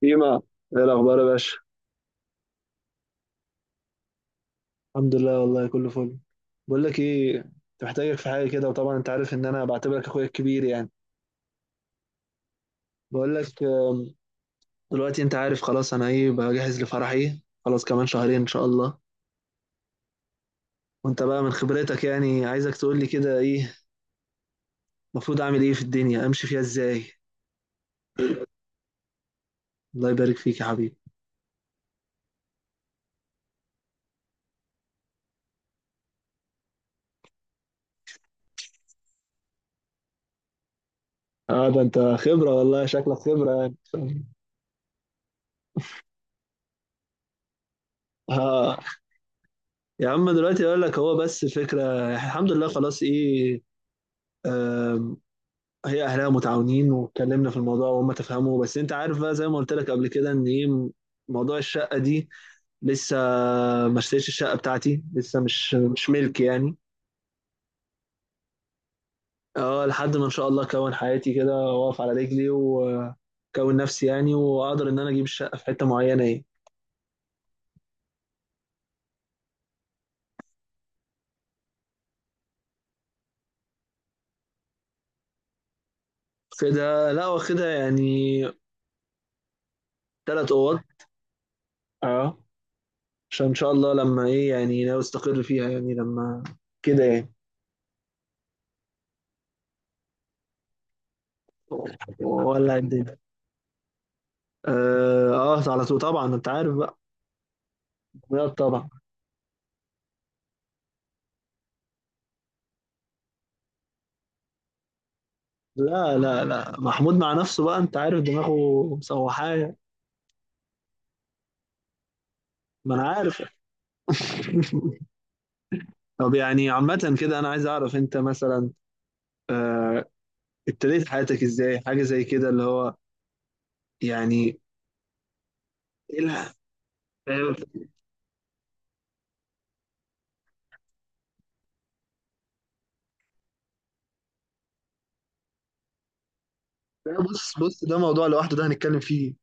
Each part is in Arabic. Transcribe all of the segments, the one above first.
فيما ايه الاخبار يا باشا. الحمد لله، والله كله فل. بقول لك ايه، كنت محتاجك في حاجه كده، وطبعا انت عارف ان انا بعتبرك اخويا الكبير يعني. بقول لك دلوقتي انت عارف خلاص انا ايه، بجهز لفرحي خلاص، كمان شهرين ان شاء الله. وانت بقى من خبرتك يعني عايزك تقول لي كده، ايه المفروض اعمل؟ ايه في الدنيا؟ امشي فيها ازاي؟ الله يبارك فيك يا حبيبي. اه ده انت خبرة والله، شكلك خبرة يعني. اه يا عم، دلوقتي اقول لك، هو بس فكره، الحمد لله خلاص. ايه آه، هي اهلها متعاونين، واتكلمنا في الموضوع وهم تفهموا، بس انت عارف بقى زي ما قلت لك قبل كده ان ايه، موضوع الشقه دي لسه، ما اشتريتش الشقه بتاعتي لسه، مش ملك يعني. اه، لحد ما ان شاء الله اكون حياتي كده واقف على رجلي، واكون نفسي يعني، واقدر ان انا اجيب الشقه في حته معينه، ايه كده. لا واخدها يعني ثلاث اوض. اه عشان ان شاء الله لما ايه يعني، ناوي استقر فيها يعني، لما كده يعني. ولا الدنيا. اه على طول طبعا انت عارف. لا طبعا. لا محمود مع نفسه بقى، انت عارف دماغه مسوحاه. ما انا عارف. طب يعني عامة كده، انا عايز اعرف انت مثلا آه، ابتديت حياتك ازاي؟ حاجة زي كده اللي هو يعني. ايه لا. لا، بص ده موضوع لوحده، ده هنتكلم فيه.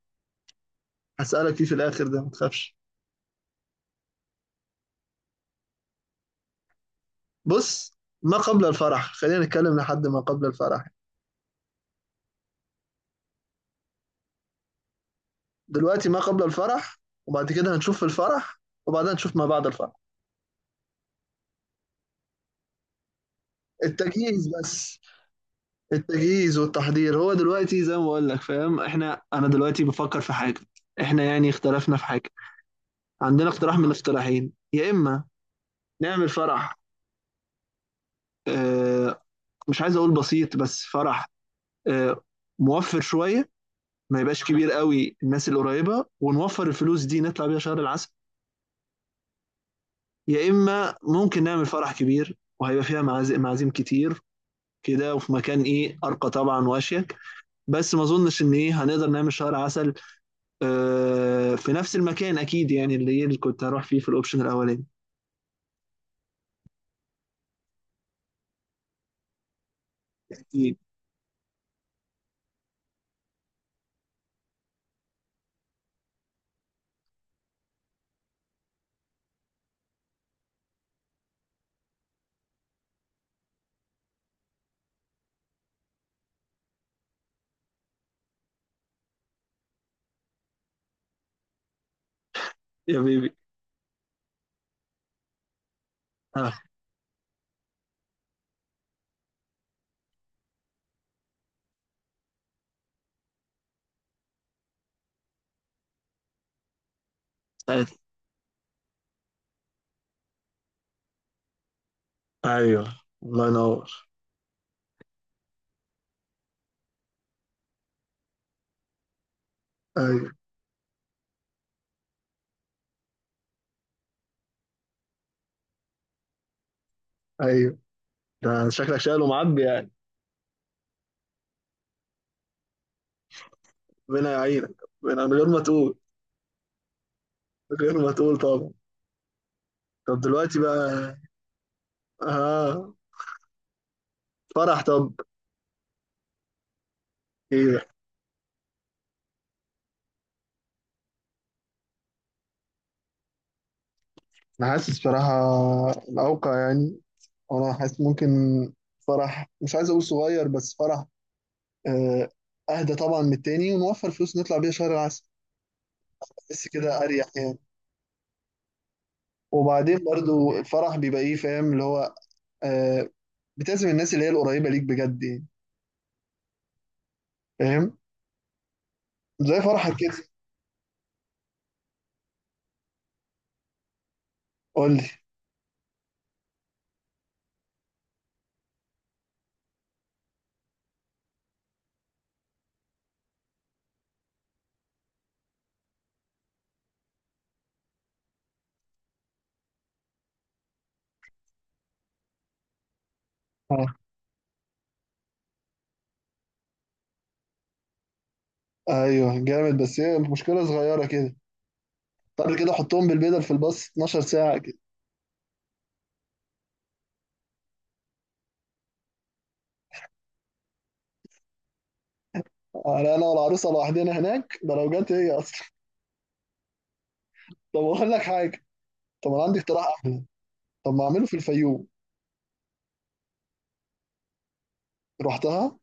هسألك فيه في الاخر، ده ما تخافش. بص، ما قبل الفرح خلينا نتكلم، لحد ما قبل الفرح. دلوقتي ما قبل الفرح، وبعد كده هنشوف الفرح، وبعدين نشوف ما بعد الفرح. التجهيز بس. التجهيز والتحضير، هو دلوقتي زي ما بقول لك، فاهم احنا، انا دلوقتي بفكر في حاجه، احنا يعني اختلفنا في حاجه. عندنا اقتراح من الاقتراحين: يا اما نعمل فرح، اه، مش عايز اقول بسيط، بس فرح، اه، موفر شويه، ما يبقاش كبير قوي، الناس القريبه، ونوفر الفلوس دي نطلع بيها شهر العسل. يا اما ممكن نعمل فرح كبير، وهيبقى فيها معازم معازيم كتير كده، وفي مكان ايه، ارقى طبعا واشيك، بس ما اظنش ان ايه هنقدر نعمل شهر عسل في نفس المكان اكيد يعني، اللي كنت هروح فيه في الاوبشن الاولاني. اكيد. يا بيبي. اه ساعتها. ايوه. الله ينور. ايوه. ايوه ده شكلك شايل ومعبي يعني. ربنا يعينك. من غير ما تقول. من غير ما تقول طبعا. طب دلوقتي بقى. اه. فرح. طب. ايه ده؟ انا حاسس صراحة الاوقع يعني، انا حاسس ممكن فرح، مش عايز اقول صغير، بس فرح آه، اهدى طبعا من التاني، ونوفر فلوس نطلع بيها شهر العسل. بس كده اريح يعني. وبعدين برضو الفرح بيبقى ايه، فاهم اللي هو، آه، بتعزم الناس اللي هي القريبة ليك بجد يعني، فاهم؟ زي فرحك كده. قول لي. اه. ايوه جامد، بس هي المشكلة صغيرة كده. طب كده حطهم بالبدل في الباص 12 ساعة كده، على انا والعروسة لوحدنا هناك، ده لو جت هي اصلا. طب اقول لك حاجة، طب انا عندي اقتراح احلى. طب ما اعمله في الفيوم. رحتها؟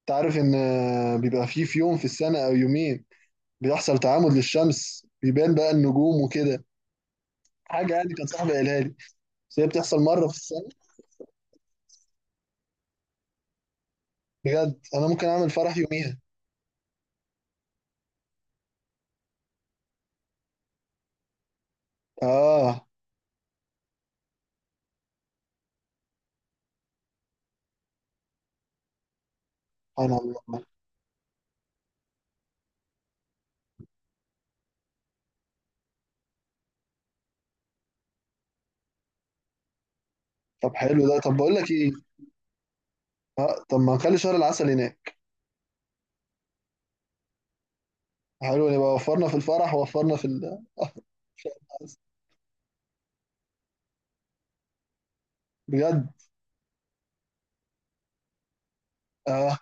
انت عارف ان بيبقى فيه في يوم في السنة او يومين بيحصل تعامد للشمس، بيبان بقى النجوم وكده، حاجة يعني كان صاحبي قالها لي، بس هي بتحصل مرة في السنة. بجد أنا ممكن أعمل فرح يوميها. آه. سبحان الله. طب حلو ده، طب بقول لك إيه، آه، طب ما نخلي شهر العسل هناك. حلو، نبقى وفرنا في الفرح، ووفرنا في ال شهر العسل. بجد. آه.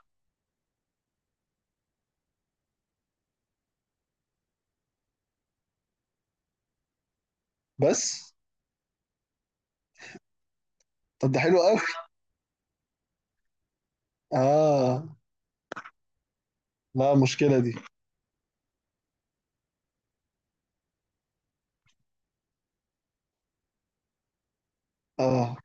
بس. طب ده حلو أوي. آه. لا المشكلة دي. آه.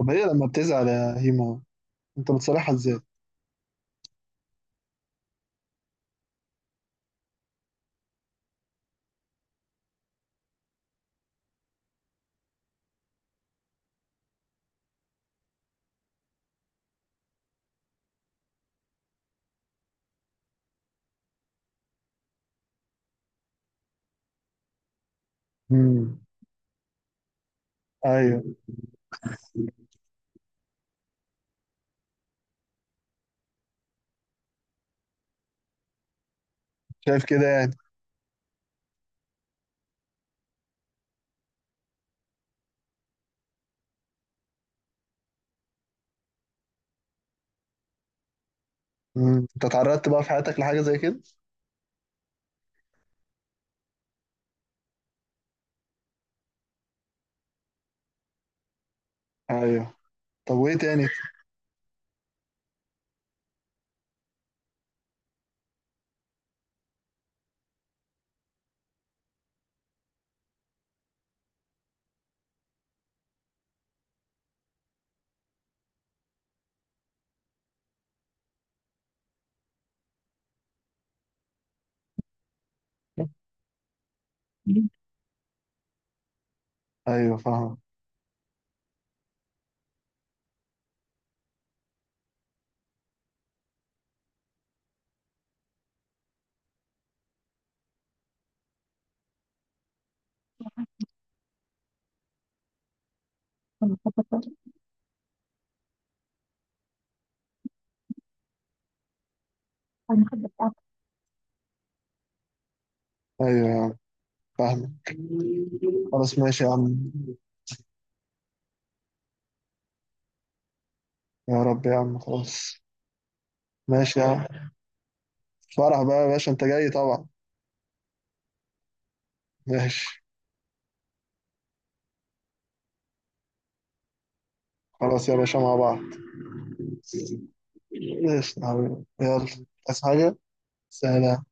طب هي لما بتزعل يا هيما، أنت بتصالحها إزاي؟ امم. أيوه. شايف كده يعني. امم. أنت اتعرضت بقى في حياتك لحاجة زي كده؟ أيوه. طب وإيه تاني؟ أيوه فاهم. أيوه فاهمك. خلاص ماشي يا عم. يا رب يا عم، خلاص. ماشي يا عم. فرح بقى يا باشا، انت جاي طبعا. ماشي. خلاص يا باشا، مع بعض. ماشي يا حبيبي، يلا. عايز حاجة؟ سلام.